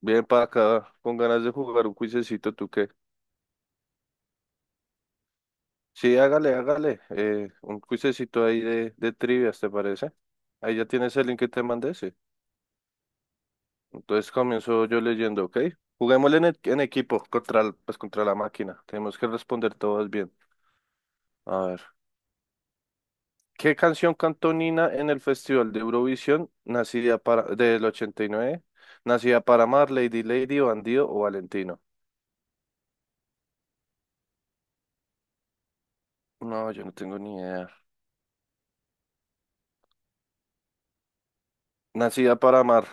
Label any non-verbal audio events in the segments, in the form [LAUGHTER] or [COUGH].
Bien para acá, con ganas de jugar un cuisecito, ¿tú qué? Sí, hágale, hágale. Un cuisecito ahí de trivias, ¿te parece? Ahí ya tienes el link que te mandé, sí. Entonces comienzo yo leyendo, ¿ok? Juguémosle en equipo, contra, pues, contra la máquina. Tenemos que responder todas bien. A ver. ¿Qué canción cantó Nina en el Festival de Eurovisión, del 89? ¿Nacida para amar, Lady Lady, Bandido o Valentino? No, yo no tengo ni idea. Nacida para amar.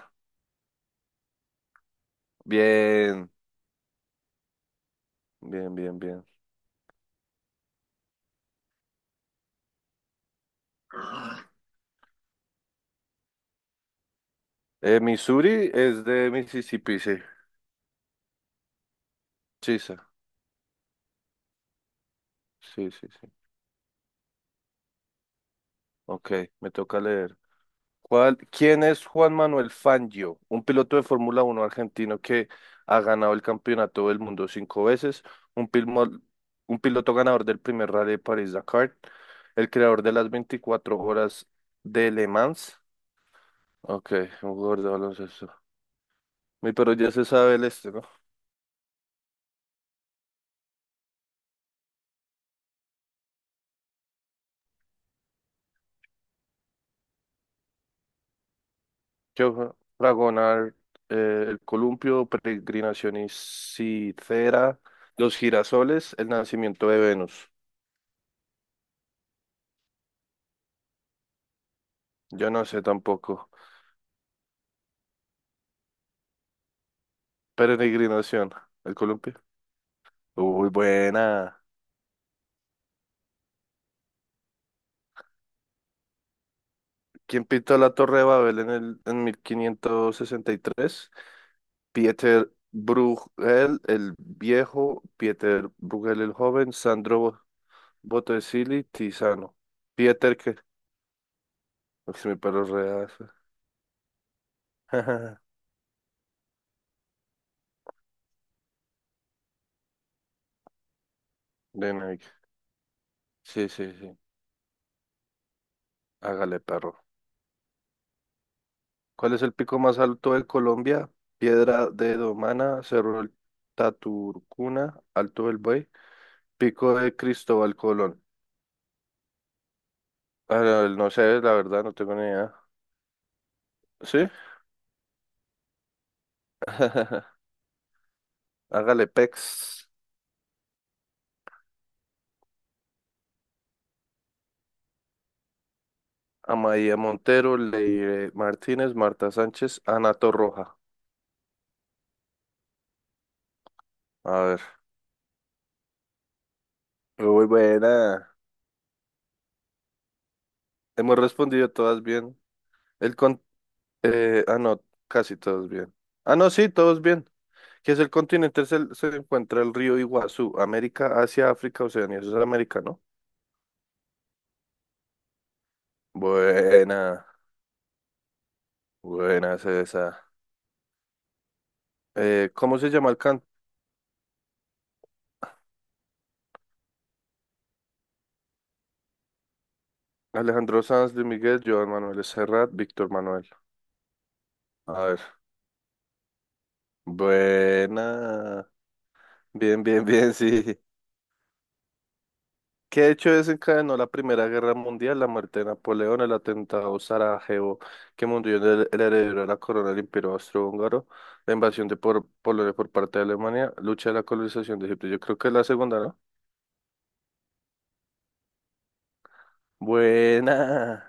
Bien. Bien, bien, bien. Missouri es de Mississippi, sí. Sí, sí, sí, sí, sí. Ok, me toca leer. ¿Quién es Juan Manuel Fangio? Un piloto de Fórmula 1 argentino que ha ganado el campeonato del mundo cinco veces, un, pilmo- un piloto ganador del primer Rally de París-Dakar, el creador de las 24 horas de Le Mans. Ok, un jugador de baloncesto. Mi pero ya se sabe el este, ¿no? Yo, Dragonar, el columpio, peregrinación y Citera, los girasoles, el nacimiento de Venus. Yo no sé tampoco. Peregrinación, el columpio. Uy, buena. ¿Quién pintó la Torre de Babel en 1563? Pieter Bruegel el viejo, Pieter Bruegel el joven, Botticelli, Tiziano. Pieter que... Uy, mi perro real. [LAUGHS] De Nike. Sí, sí, sí. Hágale, perro. ¿Cuál es el pico más alto de Colombia? Piedra de Domana, Cerro del Taturcuna, Alto del Buey, Pico de Cristóbal Colón. Ah, no sé, la verdad, no tengo ni idea. ¿Sí? [LAUGHS] Hágale, Pex. Amaia Montero, Leire Martínez, Marta Sánchez, Ana Torroja. A ver. Muy buena. Hemos respondido todas bien. El con... no, casi todos bien. Ah, no, sí, todos bien. Que es el continente, se encuentra el río Iguazú, América, Asia, África, Oceanía, eso es América, ¿no? Buena, buena es esa. ¿Cómo se llama el can? Alejandro Sanz, Luis Miguel, Joan Manuel Serrat, Víctor Manuel. A ver, buena, bien, bien, bien, [LAUGHS] sí. ¿Qué hecho desencadenó la Primera Guerra Mundial? La muerte de Napoleón, el atentado Sarajevo, que murió el heredero de la corona del Imperio Austrohúngaro, la invasión Polonia por parte de Alemania, lucha de la colonización de Egipto. Yo creo que es la segunda, ¿no? Buena.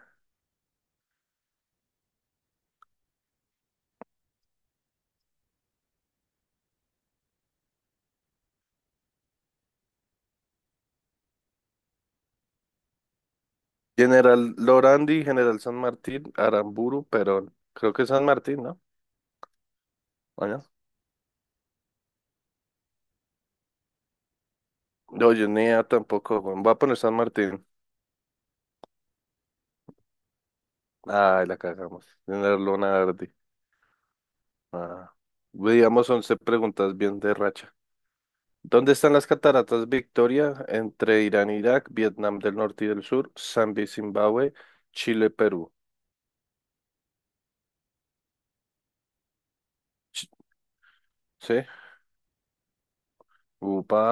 General Lorandi, General San Martín, Aramburu, Perón. Creo que es San Martín, ¿no? Bueno. No, no, yo ni idea tampoco. Bueno, voy a poner San Martín. Ay, la cagamos. General Lonardi. Ah. Digamos 11 preguntas bien de racha. ¿Dónde están las cataratas Victoria? Entre Irán e Irak, Vietnam del Norte y del Sur, Zambia y Zimbabue, Chile, Perú. Ch- ¿Sí? Upa.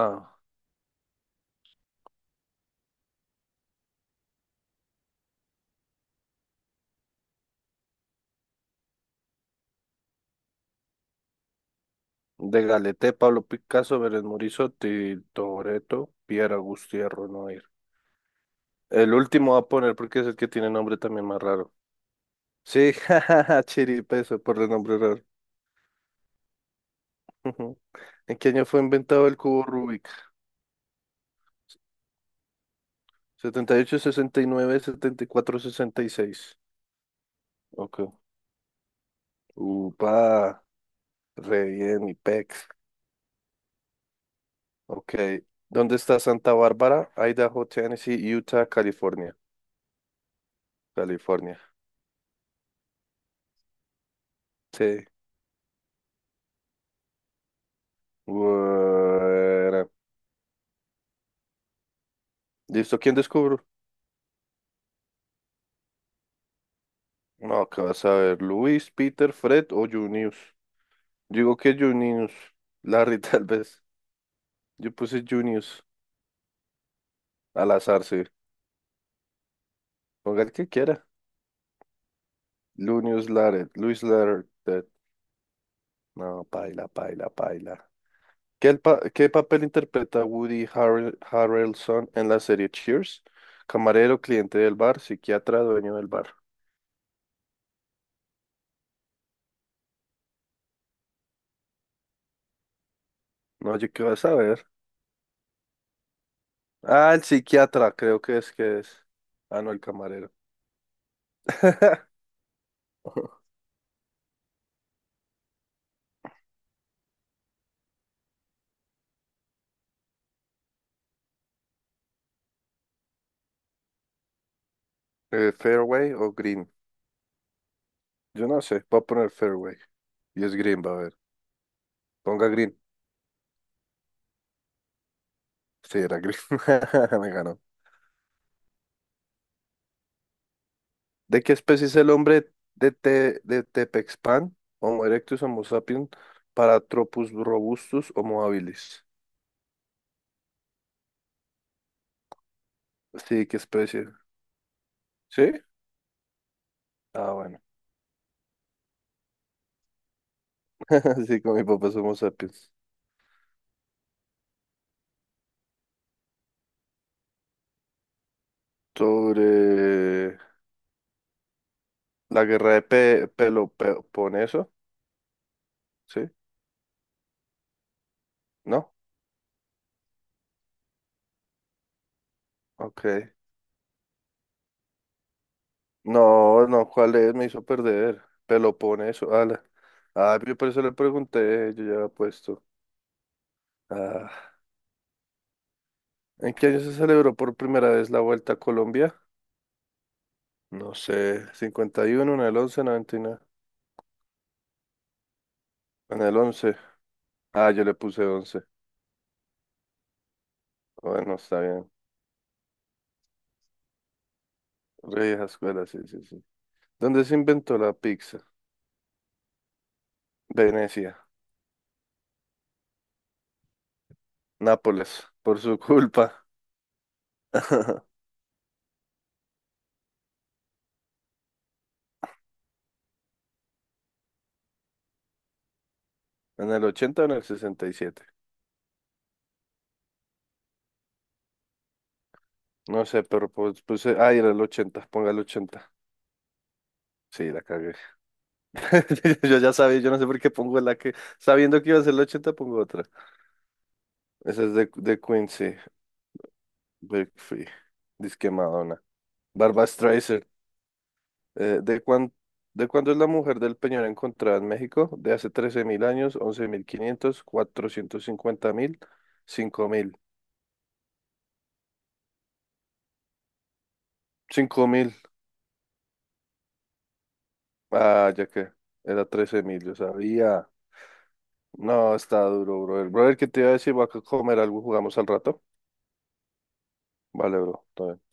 De Galete, Pablo Picasso, Belén Morizotti, Toretto, Pierre Agustí Noir. El último va a poner porque es el que tiene nombre también más raro. Sí, [LAUGHS] jajaja, Chiripeso, por el nombre raro. Ujú. ¿En qué año fue inventado el cubo Rubik? Setenta y ocho, 69, 74, 66. Ok. Upa. Re bien, mi pex. Ok. ¿Dónde está Santa Bárbara? Idaho, Tennessee, Utah, California. California. Sí. Bueno. ¿Listo? ¿Quién descubro? No, ¿qué vas a ver? ¿Luis, Peter, Fred o Junius? Digo que Junius. Larry, [LAUGHS] tal vez. Yo puse Junius. Al azar, sí. Ponga el que quiera. Lunius Lared. Luis Lared. No, paila, paila, paila. ¿Qué papel interpreta Woody Harrelson en la serie Cheers? Camarero, cliente del bar, psiquiatra, dueño del bar. No, yo qué vas a ver. Ah, el psiquiatra, creo que es. Ah, no, el camarero. [LAUGHS] ¿Fairway o Green? Yo no sé, voy a poner Fairway. Y es Green, va a ver. Ponga Green. Sí, era Green. [LAUGHS] Me ganó. ¿De qué especie es el hombre de Tepexpan? Homo erectus, Homo sapiens, Paratropus robustus, Homo habilis. Sí, qué especie. ¿Sí? Ah, bueno. [LAUGHS] Sí, con mi papá somos sapiens. Sobre la guerra de Peloponeso, ¿sí? ¿No? Ok. No, no, ¿cuál es? Me hizo perder. Peloponeso, ala. Ah, yo por eso le pregunté, yo ya había puesto. Ah, ¿en qué año se celebró por primera vez la Vuelta a Colombia? No sé, 51, en el once noventa y nueve. En el once. Ah, yo le puse once. Bueno, está bien. Rey escuela, sí, sí, sí. ¿Dónde se inventó la pizza? Venecia, Nápoles, por su culpa. [LAUGHS] ¿En el ochenta o en el sesenta y siete? No sé, pero pues puse. Ah, era el 80, ponga el ochenta. Sí, la cagué. [LAUGHS] Yo ya sabía, yo no sé por qué pongo la que. Sabiendo que iba a ser el 80, pongo otra. Esa es de Quincy. Break Free, Disque Madonna. Barbra Streisand. Eh, ¿de cuán, de cuándo es la mujer del Peñón encontrada en México? De hace 13.000 años, 11.500, 450.000, 5.000. 5.000. Ah, ya que era 13.000, yo sabía. No, está duro, brother. Brother, ¿qué te iba a decir? Voy a comer algo, jugamos al rato. Vale, bro. Todo bien.